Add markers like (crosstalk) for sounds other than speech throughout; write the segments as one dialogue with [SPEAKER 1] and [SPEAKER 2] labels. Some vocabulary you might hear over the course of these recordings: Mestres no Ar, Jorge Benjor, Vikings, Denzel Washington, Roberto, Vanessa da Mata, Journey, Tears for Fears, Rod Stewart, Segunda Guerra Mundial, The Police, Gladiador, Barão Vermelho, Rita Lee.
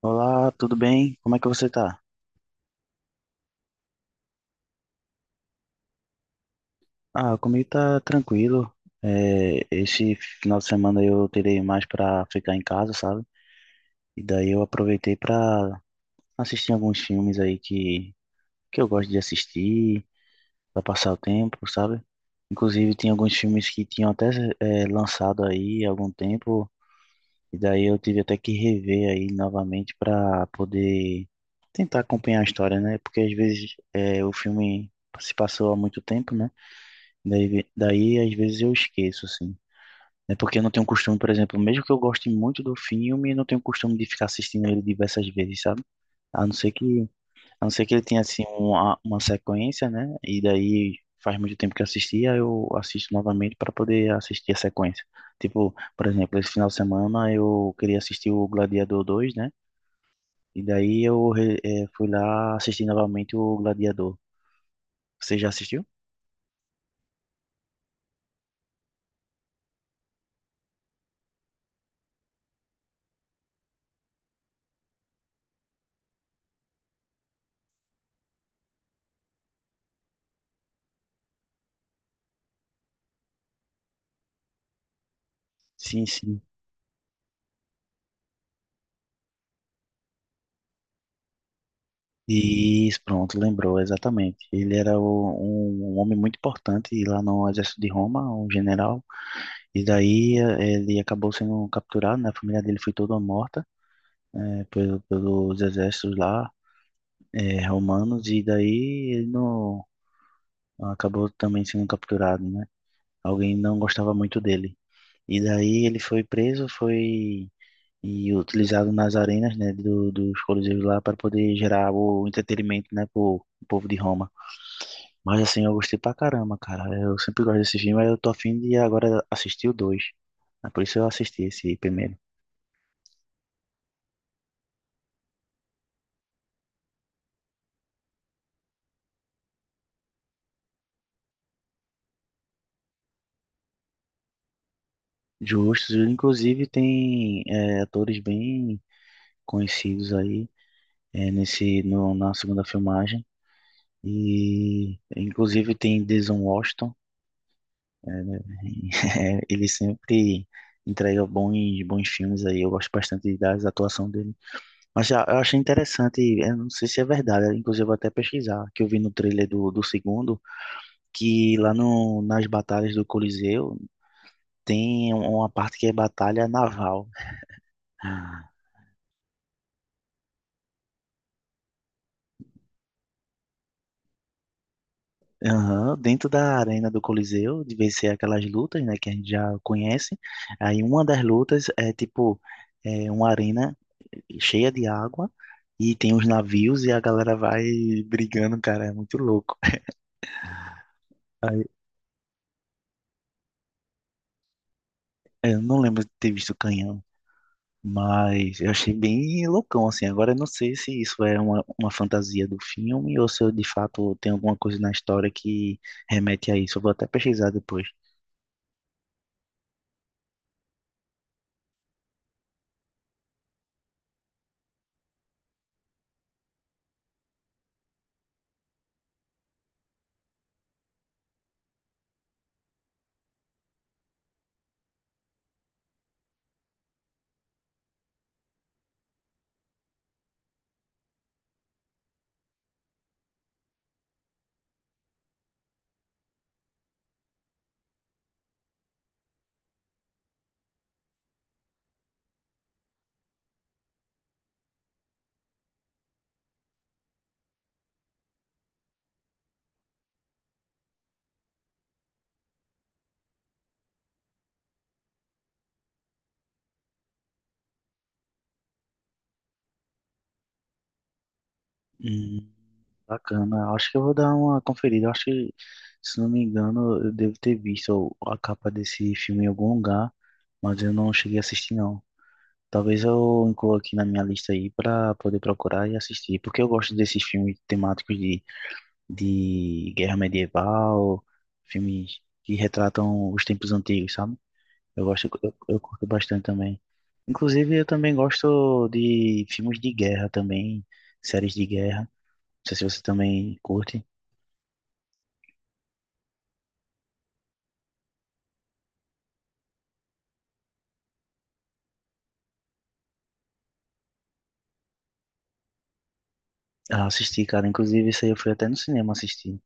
[SPEAKER 1] Olá, tudo bem? Como é que você tá? Ah, comigo tá tranquilo. É, esse final de semana eu terei mais pra ficar em casa, sabe? E daí eu aproveitei pra assistir alguns filmes que eu gosto de assistir, pra passar o tempo, sabe? Inclusive tem alguns filmes que tinham até lançado aí há algum tempo, e daí eu tive até que rever aí novamente pra poder tentar acompanhar a história, né? Porque às vezes o filme se passou há muito tempo, né? Daí, daí, às vezes eu esqueço, assim. É porque eu não tenho costume, por exemplo, mesmo que eu goste muito do filme, eu não tenho costume de ficar assistindo ele diversas vezes, sabe? A não ser que, a não ser que ele tenha, assim, uma sequência, né? E daí faz muito tempo que eu assisti, aí eu assisto novamente para poder assistir a sequência. Tipo, por exemplo, esse final de semana eu queria assistir o Gladiador dois, né? E daí eu fui lá assistir novamente o Gladiador. Você já assistiu? Sim, sim. Isso, pronto, lembrou, exatamente. Ele era um homem muito importante lá no exército de Roma, um general, e daí ele acabou sendo capturado, né? A família dele foi toda morta pelos exércitos lá romanos, e daí ele não, acabou também sendo capturado, né? Alguém não gostava muito dele. E daí ele foi preso, foi e utilizado nas arenas, né, dos coliseus lá para poder gerar o entretenimento, né, pro povo de Roma. Mas assim, eu gostei pra caramba, cara. Eu sempre gosto desse filme, aí eu tô afim de agora assistir o dois. É, por isso eu assisti esse primeiro. Justos, inclusive tem atores bem conhecidos aí, é, nesse no, na segunda filmagem. E inclusive tem Denzel Washington. (laughs) Ele sempre entrega bons, bons filmes aí. Eu gosto bastante da atuação dele. Mas já, eu achei interessante, eu não sei se é verdade, inclusive eu vou até pesquisar, que eu vi no trailer do segundo que lá no, nas batalhas do Coliseu tem uma parte que é batalha naval. Aham, dentro da arena do Coliseu, de vencer aquelas lutas, né, que a gente já conhece. Aí uma das lutas é uma arena cheia de água e tem os navios e a galera vai brigando, cara, é muito louco. Aí, eu não lembro de ter visto canhão. Mas eu achei bem loucão, assim. Agora eu não sei se isso é uma fantasia do filme ou se eu, de fato tem alguma coisa na história que remete a isso. Eu vou até pesquisar depois. Hum, bacana. Acho que eu vou dar uma conferida. Acho que, se não me engano, eu devo ter visto a capa desse filme em algum lugar, mas eu não cheguei a assistir, não. Talvez eu inclua aqui na minha lista aí para poder procurar e assistir, porque eu gosto desses filmes temáticos de guerra medieval, filmes que retratam os tempos antigos, sabe? Eu gosto, eu curto bastante também. Inclusive, eu também gosto de filmes de guerra também, séries de guerra. Não sei se você também curte. Ah, assisti, cara. Inclusive, isso aí eu fui até no cinema assistir.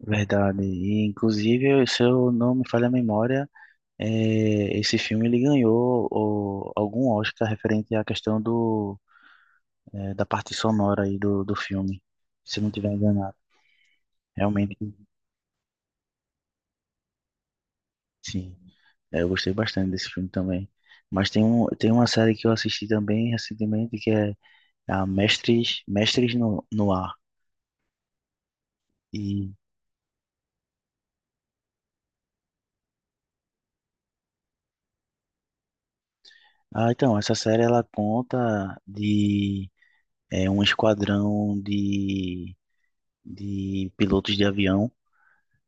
[SPEAKER 1] Verdade. E, inclusive, se eu não me falha a memória, esse filme ele ganhou algum Oscar referente à questão da parte sonora aí do filme. Se eu não tiver enganado. Realmente, sim. É, eu gostei bastante desse filme também. Mas tem uma série que eu assisti também recentemente que é a Mestres no Ar. E, ah, então, essa série ela conta de um esquadrão de pilotos de avião,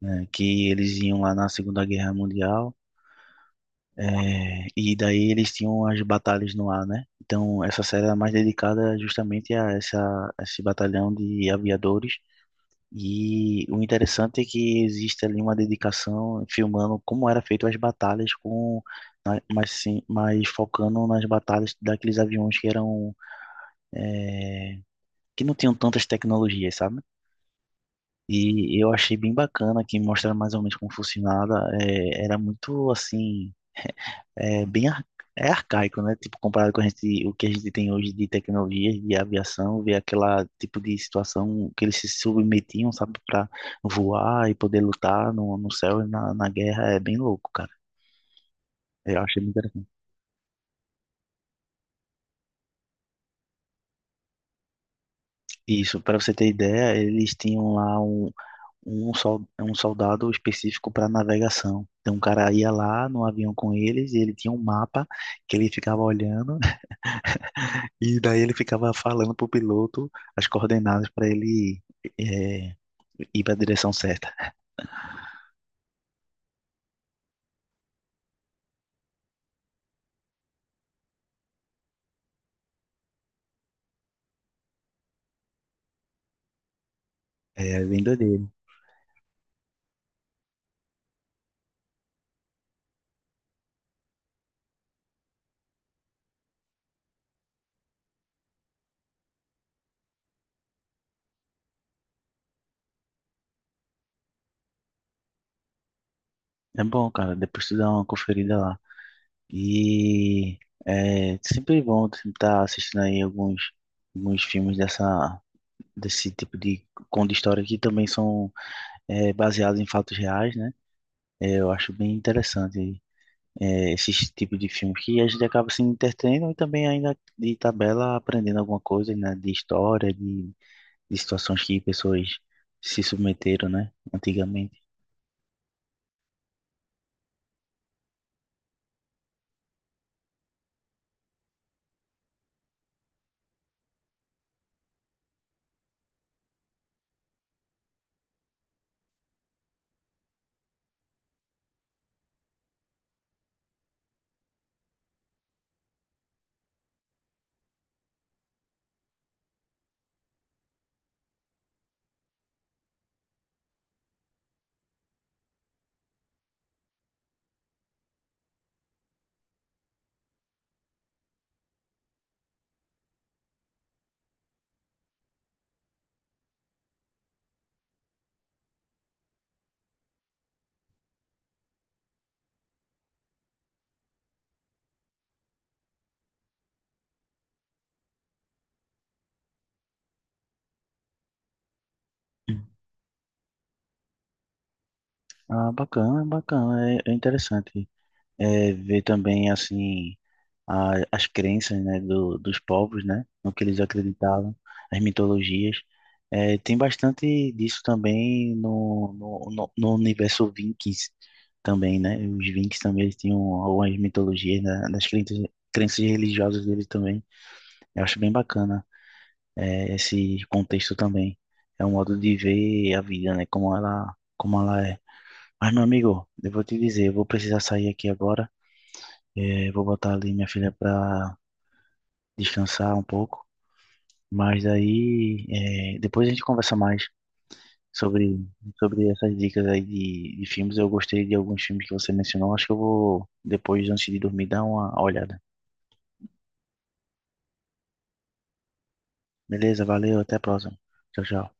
[SPEAKER 1] né, que eles iam lá na Segunda Guerra Mundial. E daí eles tinham as batalhas no ar, né? Então, essa série é mais dedicada justamente a esse batalhão de aviadores. E o interessante é que existe ali uma dedicação filmando como era feito as batalhas com mas sim, mas focando nas batalhas daqueles aviões que eram é, que não tinham tantas tecnologias, sabe? E eu achei bem bacana que mostra mais ou menos como funcionava. É, era muito assim, é bem ar- é arcaico, né? Tipo, comparado com a gente, o que a gente tem hoje de tecnologias de aviação, ver aquela tipo de situação que eles se submetiam, sabe, para voar e poder lutar no céu e na guerra, é bem louco, cara. Eu achei muito interessante. Isso, para você ter ideia, eles tinham lá um soldado específico para navegação. Então, o cara ia lá no avião com eles e ele tinha um mapa que ele ficava olhando. E daí ele ficava falando pro piloto as coordenadas para ele é, ir para a direção certa. É bem doideiro. É bom, cara. Depois tu dá uma conferida lá. E é sempre é bom estar assistindo aí alguns filmes desse tipo de conto de história que também são baseados em fatos reais, né? É, eu acho bem interessante esse tipo de filme que a gente acaba se entretendo e também ainda de tabela aprendendo alguma coisa, né? De história, de situações que pessoas se submeteram, né, antigamente. Hum. Ah, bacana, bacana, é, é interessante, ver também, assim, as crenças, né, dos povos, né, no que eles acreditavam, as mitologias. É, tem bastante disso também no universo Vikings também, né, os Vikings também eles tinham algumas mitologias, né, nas crenças, crenças religiosas deles também, eu acho bem bacana. É, esse contexto também. É um modo de ver a vida, né? Como ela é. Mas, meu amigo, eu vou te dizer, eu vou precisar sair aqui agora. É, vou botar ali minha filha para descansar um pouco. Mas aí, depois a gente conversa mais sobre, sobre essas dicas aí de filmes. Eu gostei de alguns filmes que você mencionou. Acho que eu vou, depois, antes de dormir, dar uma olhada. Beleza, valeu, até a próxima. Tchau, tchau.